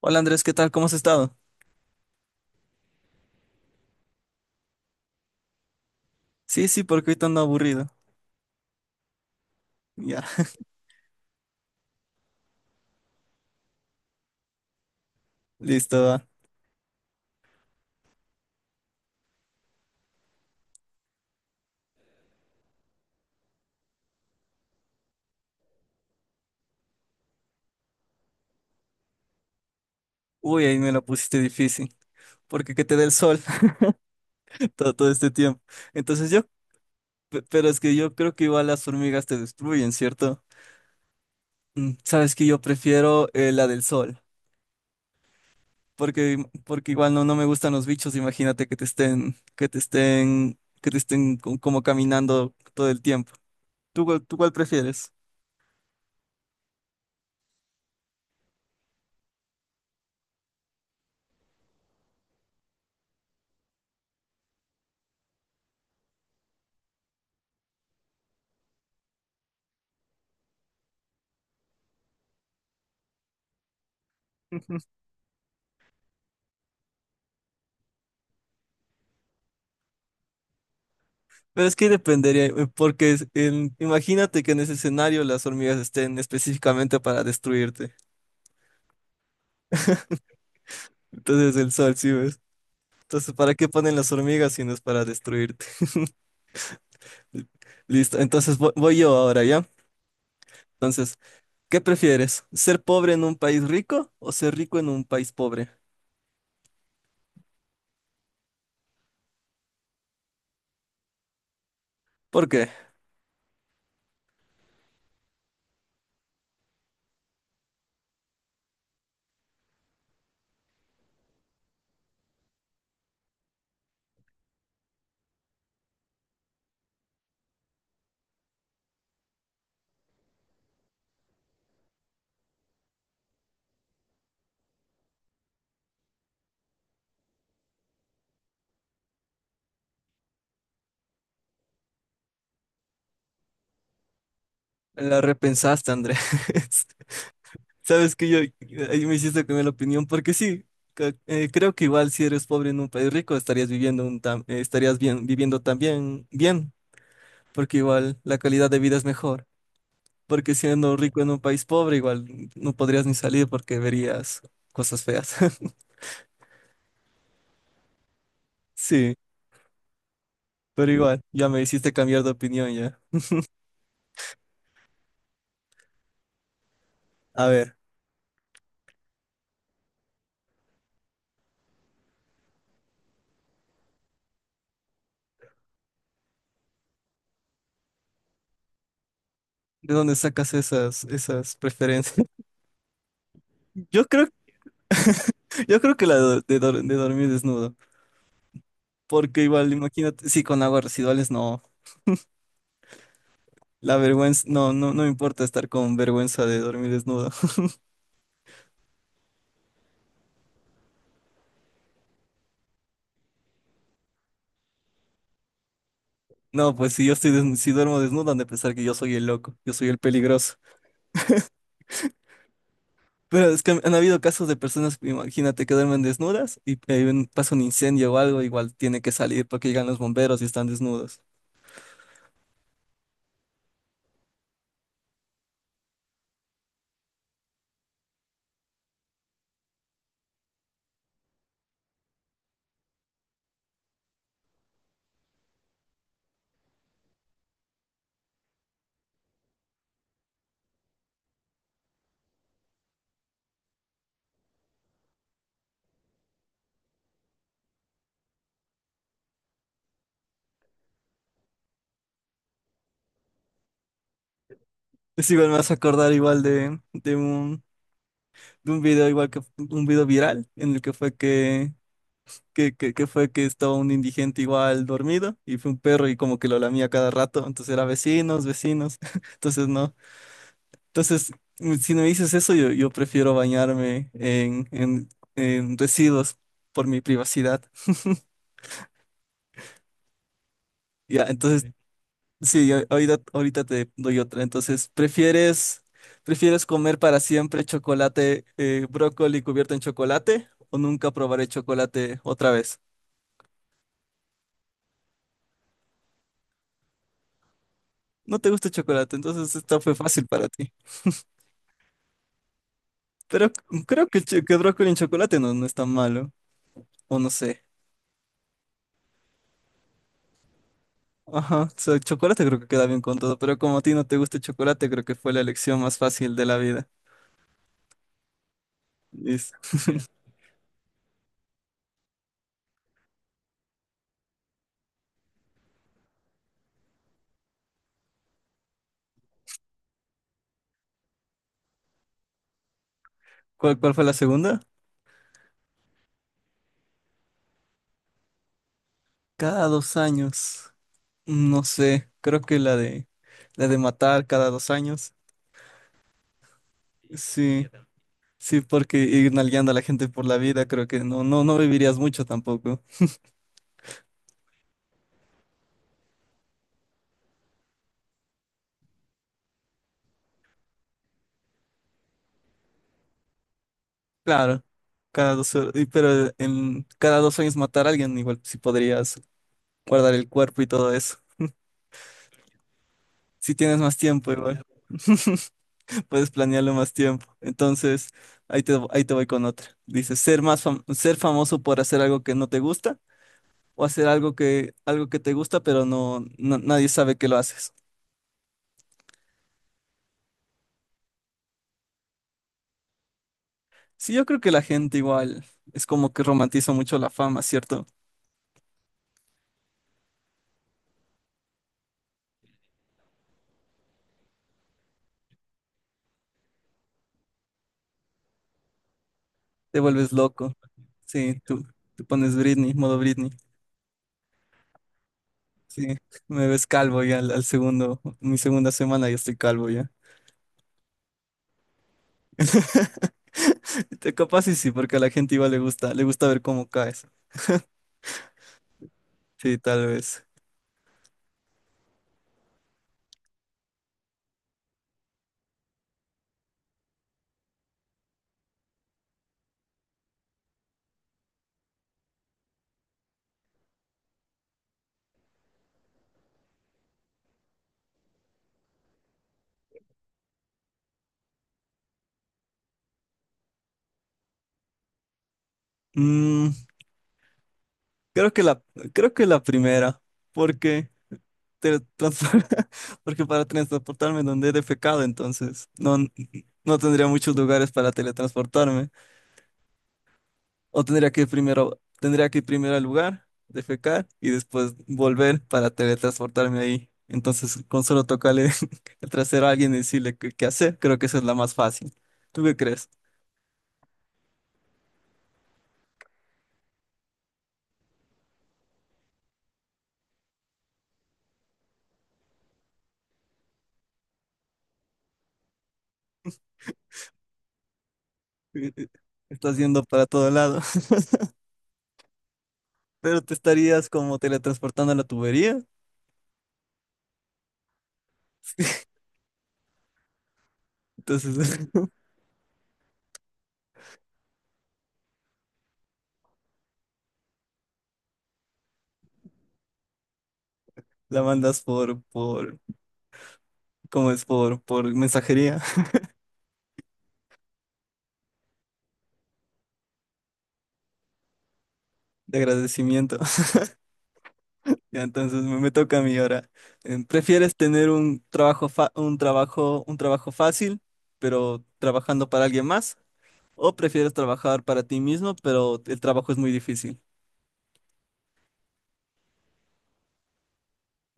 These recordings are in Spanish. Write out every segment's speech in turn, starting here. Hola Andrés, ¿qué tal? ¿Cómo has estado? Sí, sí, porque ahorita ando aburrido. Ya, listo, va. Uy, ahí me la pusiste difícil. Porque que te dé el sol todo este tiempo. Entonces yo, pero es que yo creo que igual las hormigas te destruyen, ¿cierto? Mm, sabes que yo prefiero la del sol. Porque igual no me gustan los bichos. Imagínate que te estén como caminando todo el tiempo. ¿Tú, tú cuál prefieres? Pero es que dependería, porque imagínate que en ese escenario las hormigas estén específicamente para destruirte. Entonces el sol, ¿sí ves? Entonces, ¿para qué ponen las hormigas si no es para destruirte? Listo, entonces voy, yo ahora, ¿ya? Entonces, ¿qué prefieres? ¿Ser pobre en un país rico o ser rico en un país pobre? ¿Por qué? La repensaste, Andrés. Sabes que yo, ahí me hiciste cambiar la opinión, porque sí, creo que igual si eres pobre en un país rico estarías viviendo un estarías bien, viviendo también bien, porque igual la calidad de vida es mejor, porque siendo rico en un país pobre igual no podrías ni salir porque verías cosas feas. Sí, pero igual, ya me hiciste cambiar de opinión ya. A ver, ¿de dónde sacas esas preferencias? Yo creo, yo creo que la de, de dormir desnudo, porque igual, imagínate, sí, con aguas residuales no. La vergüenza, no me importa estar con vergüenza de dormir desnudo. No, pues si yo estoy si duermo desnudo, han de pensar que yo soy el loco, yo soy el peligroso. Pero es que han habido casos de personas, imagínate, que duermen desnudas y pasa un incendio o algo, igual tiene que salir porque llegan los bomberos y están desnudos. Es igual me vas a acordar igual de, de un video igual que un video viral en el que fue que, que fue que estaba un indigente igual dormido y fue un perro y como que lo lamía cada rato, entonces era vecinos. Entonces no. Entonces, mm, si no me dices eso, yo prefiero bañarme en residuos por mi privacidad. Ya, entonces, vale. Sí, ahorita, ahorita te doy otra. Entonces, ¿prefieres comer para siempre chocolate, brócoli cubierto en chocolate o nunca probaré chocolate otra vez? No te gusta el chocolate, entonces esta fue fácil para ti. Pero creo que, que brócoli en chocolate no, no es tan malo, o no sé. Ajá, so, chocolate creo que queda bien con todo, pero como a ti no te gusta el chocolate, creo que fue la elección más fácil de la vida. Listo. ¿Cuál, cuál fue la segunda? Cada dos años. No sé, creo que la de matar cada dos años. Sí, sí, porque ir nalgueando a la gente por la vida, creo que no vivirías mucho tampoco. Claro, cada dos, pero en cada dos años matar a alguien, igual si podrías guardar el cuerpo y todo eso. Si tienes más tiempo, igual. Puedes planearlo más tiempo. Entonces, ahí te voy con otra. Dice, ser más ser famoso por hacer algo que no te gusta o hacer algo algo que te gusta, pero nadie sabe que lo haces. Sí, yo creo que la gente igual es como que romantiza mucho la fama, ¿cierto? Te vuelves loco. Sí, tú pones Britney, modo Britney. Sí, me ves calvo ya al segundo, mi segunda semana ya estoy calvo ya. Te capaz y sí, porque a la gente igual le gusta ver cómo caes. Sí, tal vez. Mm, creo que la, creo que la primera, porque, te porque para teletransportarme donde he defecado, entonces no, no tendría muchos lugares para teletransportarme. O tendría que ir primero, tendría que ir primero al lugar, defecar y después volver para teletransportarme ahí. Entonces, con solo tocarle el trasero a alguien y decirle qué, qué hacer, creo que esa es la más fácil. ¿Tú qué crees? Estás yendo para todo lado, pero te estarías como teletransportando a la tubería. Entonces la mandas por, ¿cómo es? Por mensajería de agradecimiento. Ya, entonces me toca a mí ahora. Em, ¿prefieres tener un trabajo, un trabajo fácil, pero trabajando para alguien más? ¿O prefieres trabajar para ti mismo, pero el trabajo es muy difícil?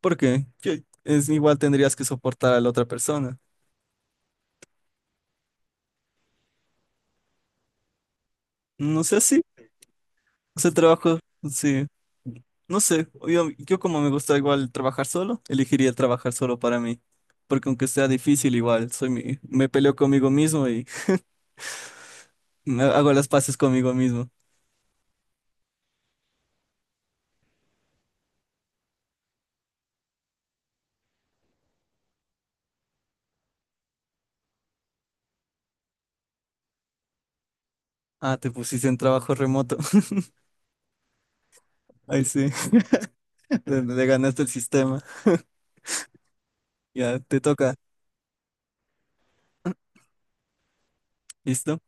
Porque es igual tendrías que soportar a la otra persona. No sé si ese trabajo, sí. No sé, yo como me gusta igual trabajar solo, elegiría trabajar solo para mí, porque aunque sea difícil igual, soy mi, me peleo conmigo mismo y me hago las paces conmigo mismo. Ah, te pusiste en trabajo remoto. Ahí sí, le ganaste el sistema. Ya, te toca. ¿Listo?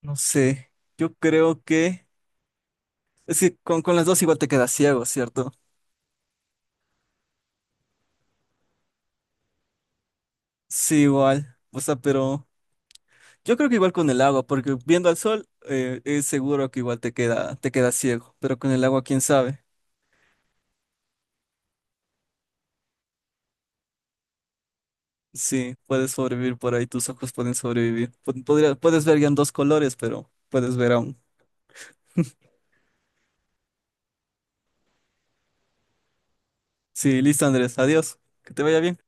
No sé, yo creo que... Es que con las dos igual te quedas ciego, ¿cierto? Sí, igual. O sea, pero yo creo que igual con el agua, porque viendo al sol es seguro que igual te queda ciego, pero con el agua, quién sabe. Sí, puedes sobrevivir por ahí, tus ojos pueden sobrevivir. Puedes ver ya en dos colores, pero puedes ver aún. Sí, listo, Andrés, adiós. Que te vaya bien.